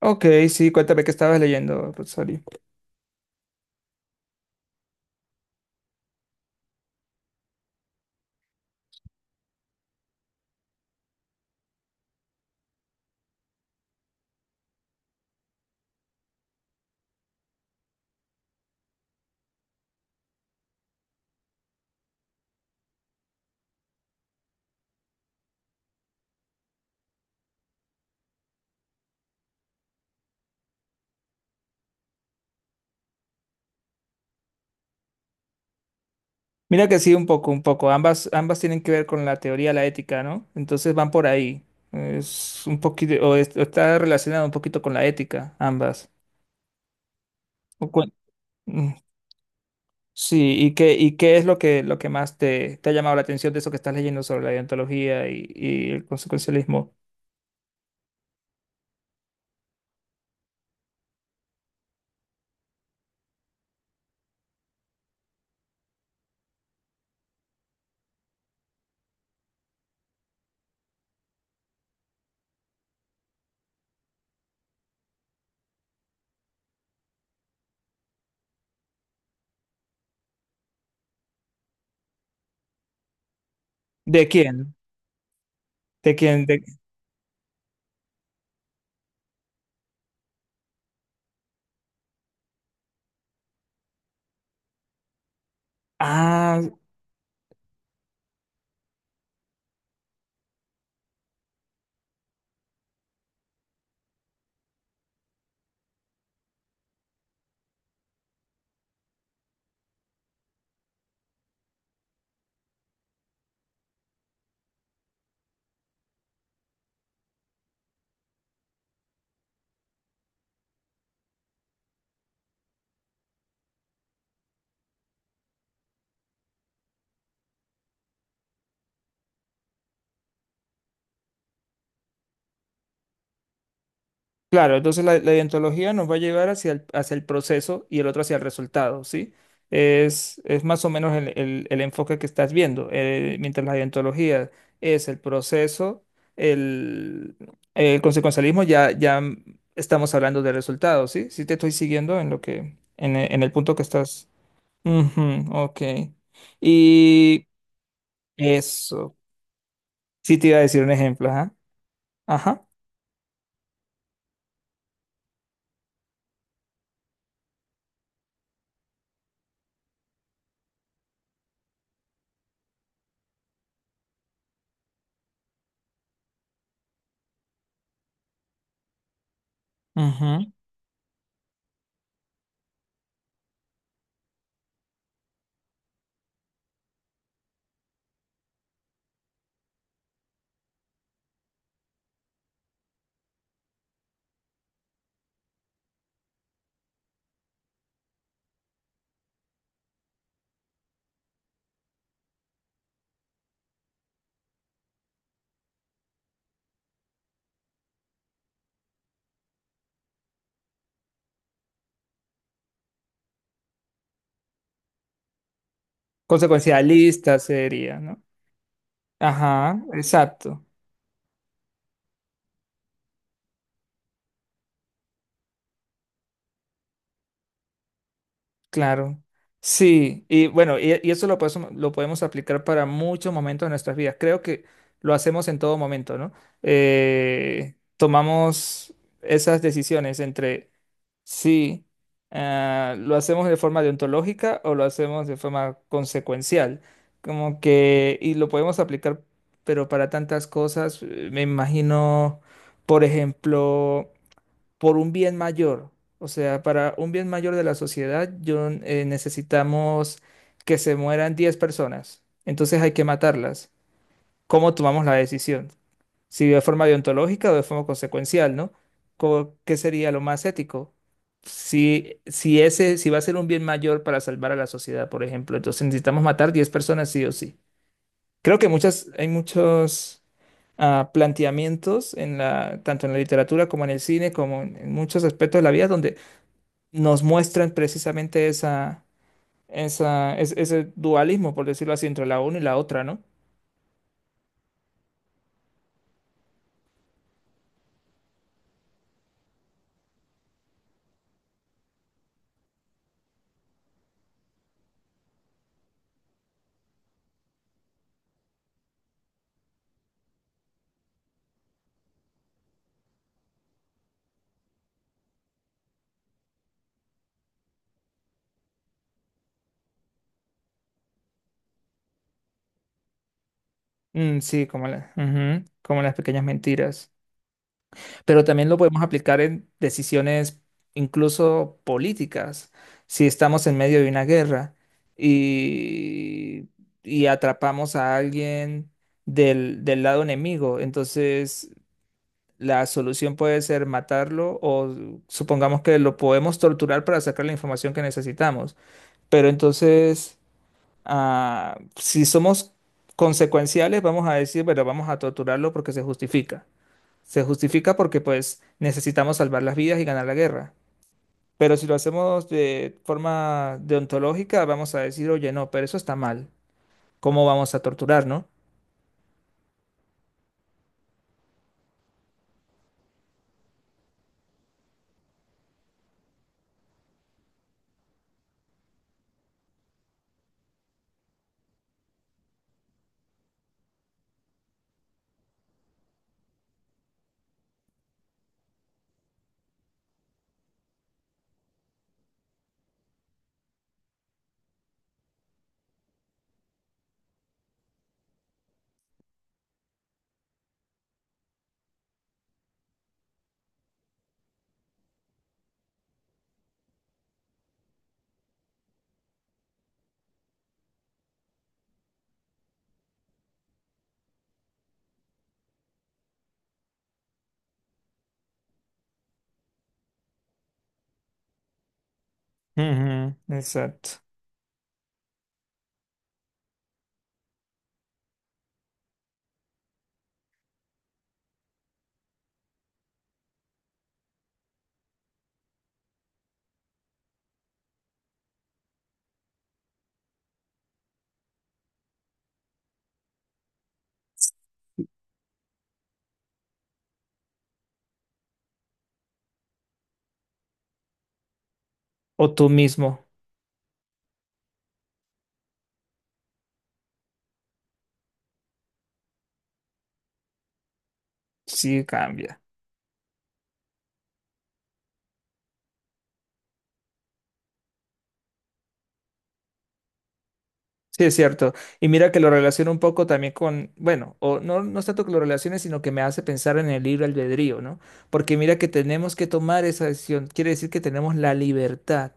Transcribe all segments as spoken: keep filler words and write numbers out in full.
Ok, sí, cuéntame qué estabas leyendo, Rosario. Mira que sí, un poco, un poco. Ambas, ambas tienen que ver con la teoría de la ética, ¿no? Entonces van por ahí. Es un poquito, o, es- o está relacionado un poquito con la ética, ambas. O cuen- Mm. Sí, ¿y qué, y qué es lo que, lo que, más te, te ha llamado la atención de eso que estás leyendo sobre la deontología y, y el consecuencialismo? ¿De quién? ¿De quién? De... Ah. Claro, entonces la, la ideontología nos va a llevar hacia el, hacia el proceso y el otro hacia el resultado, ¿sí? Es, es más o menos el, el- el enfoque que estás viendo. Eh, mientras la ideontología es el proceso, el, el consecuencialismo ya, ya estamos hablando de resultados, ¿sí? Sí te estoy siguiendo en lo que, en, e- en el punto que estás. Ujú, ok. Y eso. Sí te iba a decir un ejemplo, ajá. Ajá. Ujú. Consecuencialista sería, ¿no? Ajá, exacto, claro. Sí, y bueno, y, y eso lo, podemos lo podemos aplicar para muchos momentos de nuestras vidas. Creo que lo hacemos en todo momento, ¿no? Eh, tomamos esas decisiones entre si ah, lo hacemos de forma deontológica o lo hacemos de forma consecuencial. Como que, y lo podemos aplicar, pero para tantas cosas, eh, me imagino, por ejemplo. Por un bien mayor. O sea, para un bien mayor de la sociedad, yo, eh, necesitamos que se mueran diez personas. Entonces hay que matarlas. ¿Cómo tomamos la decisión? Si de forma deontológica o de forma consecuencial, ¿no? Co- ¿Qué sería lo más ético? Si, si ese, si va a ser un bien mayor para salvar a la sociedad, por ejemplo, entonces necesitamos matar diez personas sí o sí. Creo que muchas, hay muchos ah, planteamientos en la, tanto en la literatura como en el cine, como en, en muchos aspectos de la vida, donde nos muestran precisamente esa, esa, es- ese dualismo, por decirlo así, entre la una y la otra, ¿no? Mm, sí, como la, ujú, como las pequeñas mentiras. Pero también lo podemos aplicar en decisiones incluso políticas. Si estamos en medio de una guerra y, y atrapamos a alguien del, del lado enemigo, entonces la solución puede ser matarlo o supongamos que lo podemos torturar para sacar la información que necesitamos. Pero entonces, ah, si somos consecuenciales, vamos a decir, bueno, vamos a torturarlo porque se justifica. Se justifica porque pues necesitamos salvar las vidas y ganar la guerra. Pero si lo hacemos de forma deontológica, vamos a decir, oye, no, pero eso está mal. ¿Cómo vamos a torturar, no? Ujú. Exacto. O tú mismo. Sí, cambia. Sí, es cierto. Y mira que lo relaciono un poco también con, bueno, o no, no es tanto que lo relacione, sino que me hace pensar en el libre albedrío, ¿no? Porque mira que tenemos que tomar esa decisión. Quiere decir que tenemos la libertad,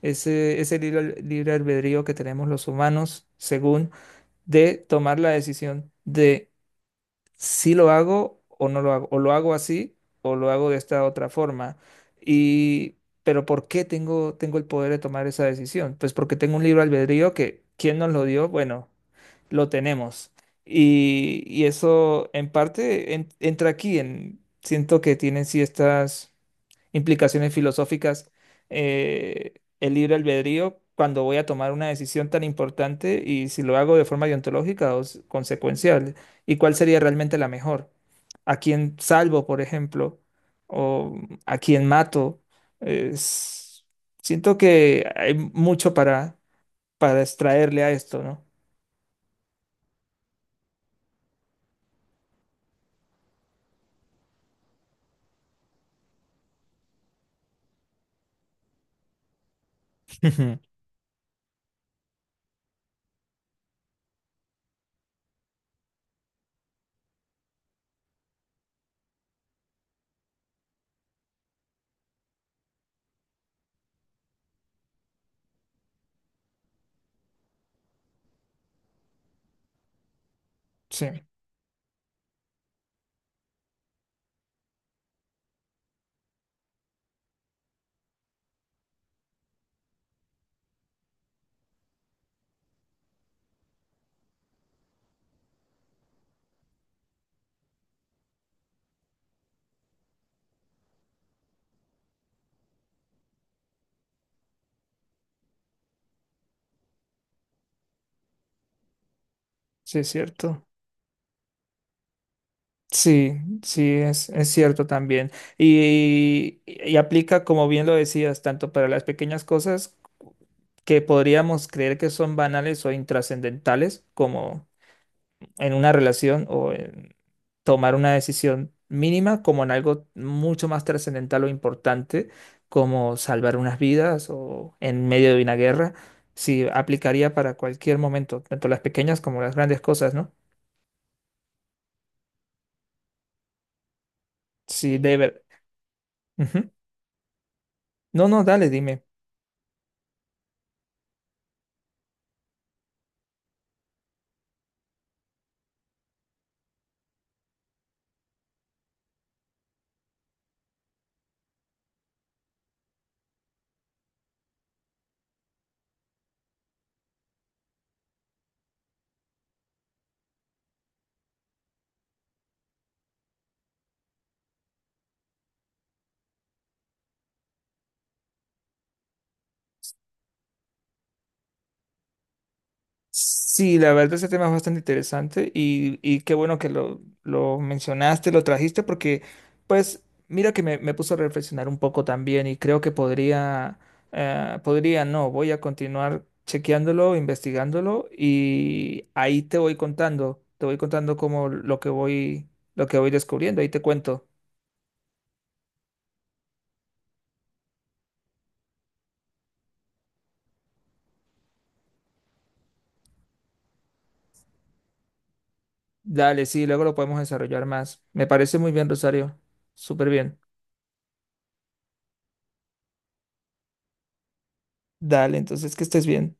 ese, ese libre, al- libre albedrío que tenemos los humanos, según, de tomar la decisión de si lo hago o no lo hago, o lo hago así o lo hago de esta otra forma. Y, pero ¿por qué tengo, tengo el poder de tomar esa decisión? Pues porque tengo un libro albedrío que, ¿quién nos lo dio? Bueno, lo tenemos. Y, y eso en parte en- entra aquí, en, siento que tienen sí estas implicaciones filosóficas eh, el libre albedrío cuando voy a tomar una decisión tan importante y si lo hago de forma deontológica o s- consecuencial y cuál sería realmente la mejor. ¿A quién salvo, por ejemplo? ¿O a quién mato? Es- Siento que hay mucho para, para extraerle a esto, ¿no? Ujú. Sí, sí, es cierto. Sí, sí, es, es cierto también. Y, y aplica, como bien lo decías, tanto para las pequeñas cosas que podríamos creer que son banales o intrascendentales, como en una relación o en tomar una decisión mínima como en algo mucho más trascendental o importante, como salvar unas vidas o en medio de una guerra, sí aplicaría para cualquier momento, tanto las pequeñas como las grandes cosas, ¿no? Sí, de ver. Ujú. No, no, dale, dime. Sí, la verdad ese tema es bastante interesante y, y qué bueno que lo, lo mencionaste, lo trajiste, porque pues mira que me, me puso a reflexionar un poco también y creo que podría, eh, podría, no, voy a continuar chequeándolo, investigándolo y ahí te voy contando, te voy contando como lo que voy, lo que voy descubriendo, ahí te cuento. Dale, sí, luego lo podemos desarrollar más. Me parece muy bien, Rosario, súper bien. Dale, entonces que estés bien.